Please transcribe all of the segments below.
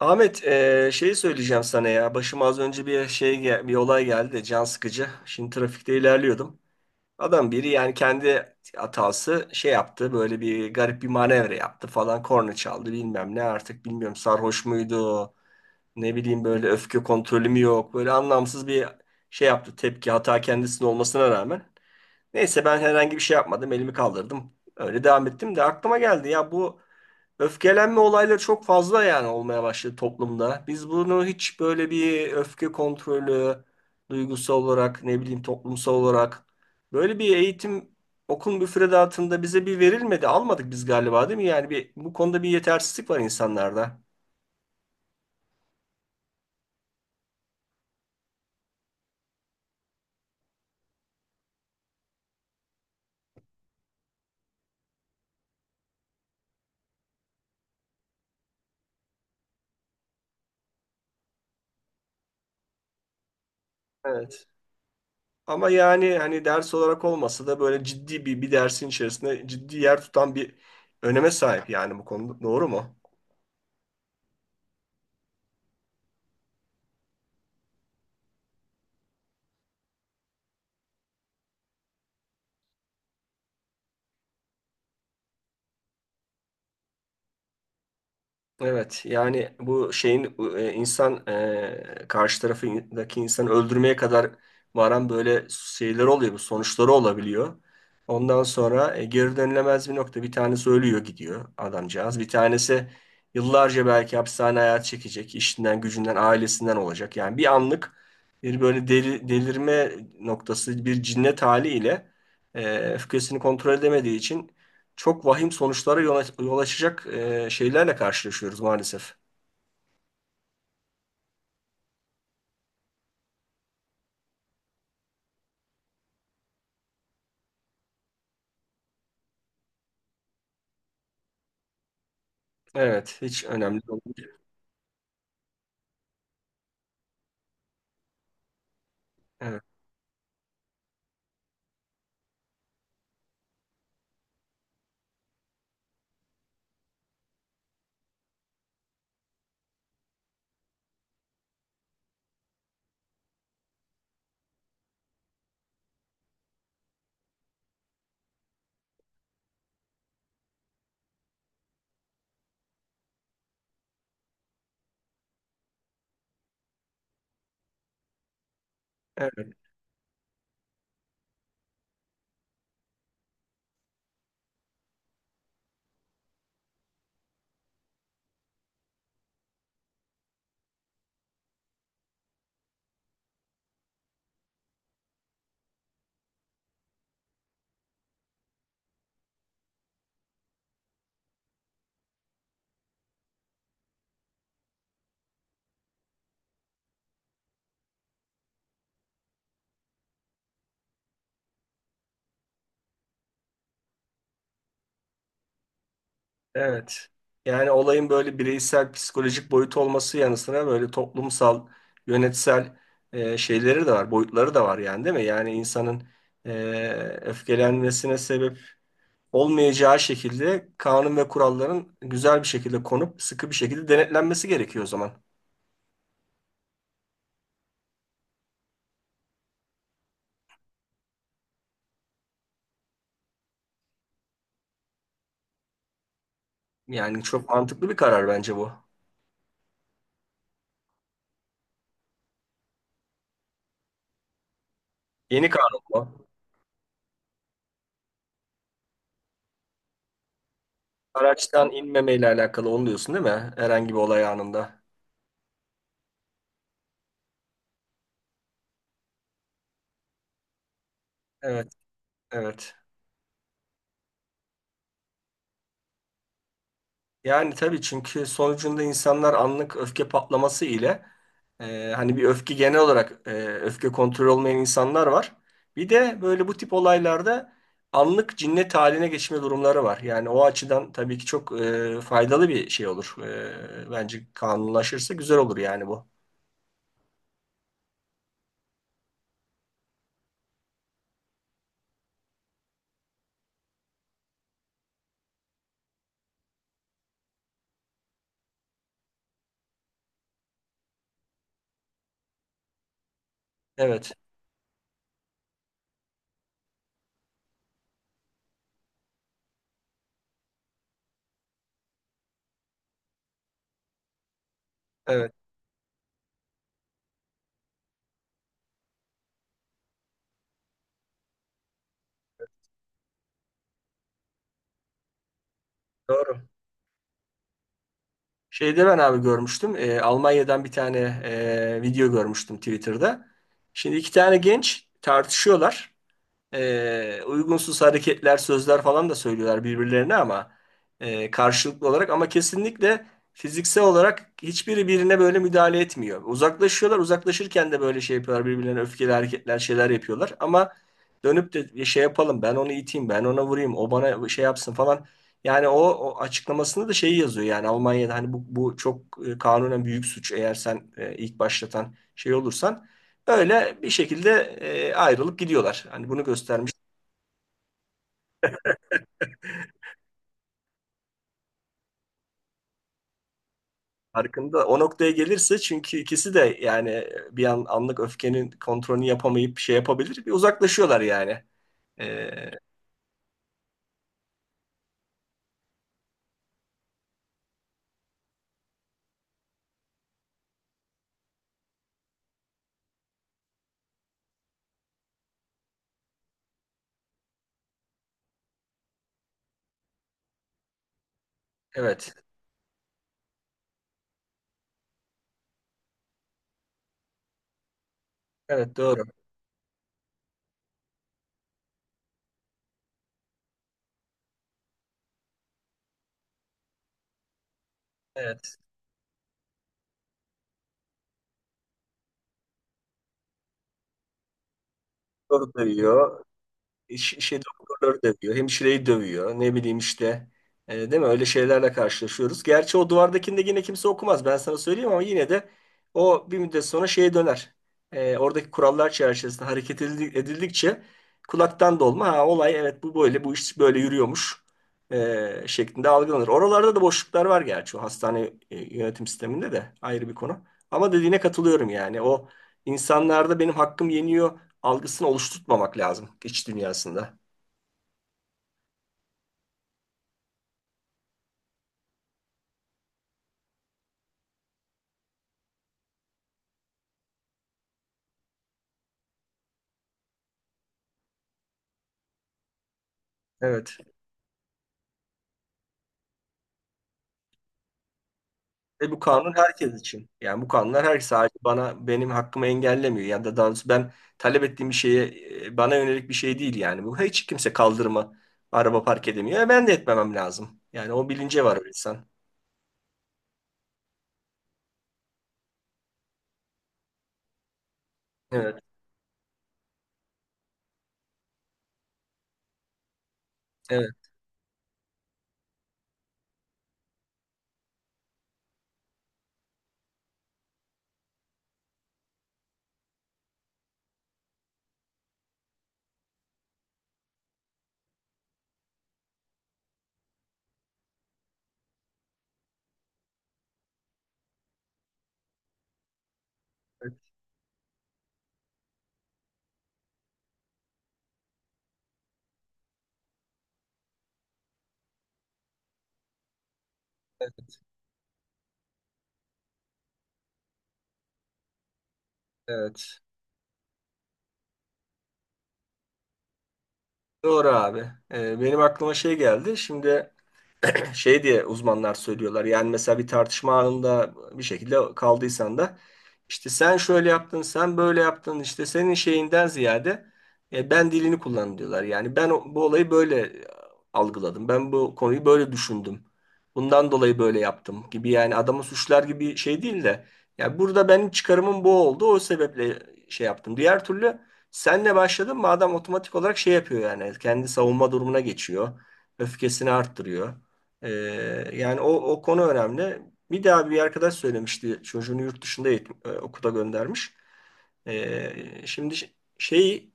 Ahmet, şeyi söyleyeceğim sana ya. Başıma az önce bir olay geldi de can sıkıcı. Şimdi trafikte ilerliyordum. Adam biri yani kendi hatası şey yaptı. Böyle bir garip bir manevra yaptı falan. Korna çaldı bilmem ne artık bilmiyorum sarhoş muydu. Ne bileyim böyle öfke kontrolümü yok. Böyle anlamsız bir şey yaptı tepki hata kendisinin olmasına rağmen. Neyse ben herhangi bir şey yapmadım. Elimi kaldırdım. Öyle devam ettim de aklıma geldi ya bu öfkelenme olayları çok fazla yani olmaya başladı toplumda. Biz bunu hiç böyle bir öfke kontrolü duygusal olarak ne bileyim toplumsal olarak böyle bir eğitim okul müfredatında bize bir verilmedi. Almadık biz galiba değil mi? Yani bir, bu konuda bir yetersizlik var insanlarda. Evet. Ama yani hani ders olarak olmasa da böyle ciddi bir dersin içerisinde ciddi yer tutan bir öneme sahip yani bu konuda. Doğru mu? Evet yani bu şeyin insan karşı tarafındaki insanı öldürmeye kadar varan böyle şeyler oluyor bu sonuçları olabiliyor. Ondan sonra geri dönülemez bir nokta bir tanesi ölüyor gidiyor adamcağız. Bir tanesi yıllarca belki hapishane hayatı çekecek işinden gücünden ailesinden olacak. Yani bir anlık bir böyle delirme noktası bir cinnet haliyle öfkesini kontrol edemediği için çok vahim sonuçlara yol açacak şeylerle karşılaşıyoruz maalesef. Evet, hiç önemli değil. Evet, evet, evet. Yani olayın böyle bireysel, psikolojik boyutu olması yanı sıra böyle toplumsal, yönetsel şeyleri de var, boyutları da var yani değil mi? Yani insanın e, öfkelenmesine sebep olmayacağı şekilde kanun ve kuralların güzel bir şekilde konup sıkı bir şekilde denetlenmesi gerekiyor o zaman. Yani çok mantıklı bir karar bence bu. Yeni kanun bu. Araçtan inmemeyle alakalı onu diyorsun değil mi? Herhangi bir olay anında. Evet, evet. Yani tabii çünkü sonucunda insanlar anlık öfke patlaması ile hani bir öfke genel olarak öfke kontrolü olmayan insanlar var. Bir de böyle bu tip olaylarda anlık cinnet haline geçme durumları var. Yani o açıdan tabii ki çok faydalı bir şey olur. Bence kanunlaşırsa güzel olur yani bu. Evet, evet. Doğru. Şeyde ben abi görmüştüm. Almanya'dan bir tane video görmüştüm Twitter'da. Şimdi iki tane genç tartışıyorlar uygunsuz hareketler, sözler falan da söylüyorlar birbirlerine ama karşılıklı olarak ama kesinlikle fiziksel olarak hiçbiri birine böyle müdahale etmiyor. Uzaklaşıyorlar, uzaklaşırken de böyle şey yapıyorlar birbirlerine öfkeli hareketler, şeyler yapıyorlar ama dönüp de şey yapalım ben onu iteyim, ben ona vurayım, o bana şey yapsın falan. Yani o açıklamasında da şeyi yazıyor yani Almanya'da hani bu çok kanunen büyük suç eğer sen ilk başlatan şey olursan. Öyle bir şekilde ayrılıp gidiyorlar. Hani bunu göstermiş farkında. O noktaya gelirse çünkü ikisi de yani bir an anlık öfkenin kontrolünü yapamayıp şey yapabilir. Bir uzaklaşıyorlar yani. E, evet. Evet doğru. Evet. Soru duyuyor. Şey doktorları dövüyor, hemşireyi dövüyor. Ne bileyim işte. Değil mi? Öyle şeylerle karşılaşıyoruz. Gerçi o duvardakinde yine kimse okumaz. Ben sana söyleyeyim ama yine de o bir müddet sonra şeye döner. Oradaki kurallar çerçevesinde edildikçe kulaktan dolma. Ha, olay evet bu böyle, bu iş böyle yürüyormuş şeklinde algılanır. Oralarda da boşluklar var gerçi o hastane yönetim sisteminde de ayrı bir konu. Ama dediğine katılıyorum yani. O insanlarda benim hakkım yeniyor algısını oluşturtmamak lazım iç dünyasında. Evet. Ve bu kanun herkes için. Yani bu kanunlar her sadece bana benim hakkımı engellemiyor. Yani da daha doğrusu ben talep ettiğim bir şeye bana yönelik bir şey değil yani. Bu hiç kimse kaldırıma araba park edemiyor. Ben de etmemem lazım. Yani o bilince var o insan. Evet, evet, evet, evet. Evet. Doğru abi. Benim aklıma şey geldi. Şimdi şey diye uzmanlar söylüyorlar. Yani mesela bir tartışma anında bir şekilde kaldıysan da işte sen şöyle yaptın, sen böyle yaptın işte senin şeyinden ziyade ben dilini kullan diyorlar. Yani bu olayı böyle algıladım. Ben bu konuyu böyle düşündüm. Bundan dolayı böyle yaptım gibi yani adamı suçlar gibi şey değil de ya burada benim çıkarımım bu oldu. O sebeple şey yaptım. Diğer türlü senle başladım mı adam otomatik olarak şey yapıyor yani. Kendi savunma durumuna geçiyor. Öfkesini arttırıyor. Ee, Yani o konu önemli. Bir daha bir arkadaş söylemişti çocuğunu yurt dışında okula göndermiş. Şimdi şey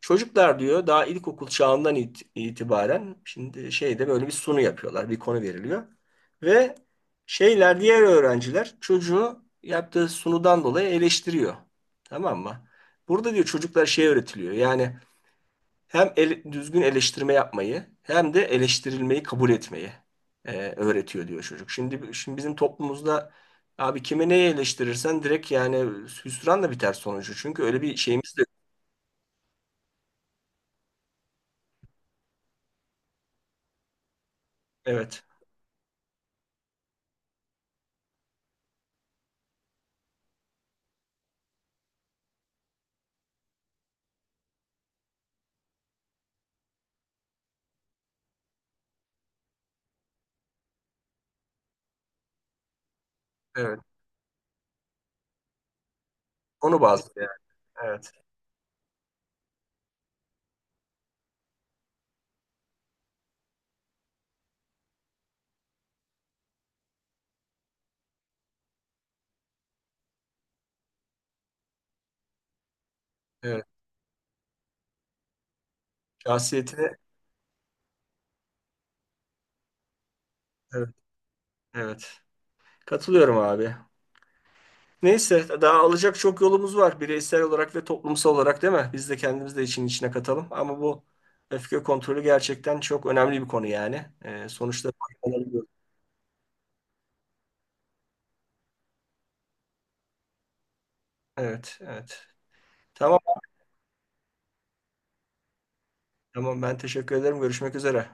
çocuklar diyor daha ilkokul çağından itibaren şimdi şeyde böyle bir sunu yapıyorlar. Bir konu veriliyor. Ve şeyler diğer öğrenciler çocuğu yaptığı sunudan dolayı eleştiriyor. Tamam mı? Burada diyor çocuklar şey öğretiliyor. Yani düzgün eleştirme yapmayı hem de eleştirilmeyi kabul etmeyi e, öğretiyor diyor çocuk. Şimdi bizim toplumumuzda abi kime neyi eleştirirsen direkt yani hüsranla biter sonucu. Çünkü öyle bir şeyimiz de yok. Evet. Evet. Onu bazlı yani. Evet. Evet. Şahsiyetine evet. Evet. Katılıyorum abi. Neyse daha alacak çok yolumuz var bireysel olarak ve toplumsal olarak değil mi? Biz de kendimiz de için içine katalım ama bu öfke kontrolü gerçekten çok önemli bir konu yani. Sonuçta evet, evet. Tamam, tamam. Ben teşekkür ederim. Görüşmek üzere.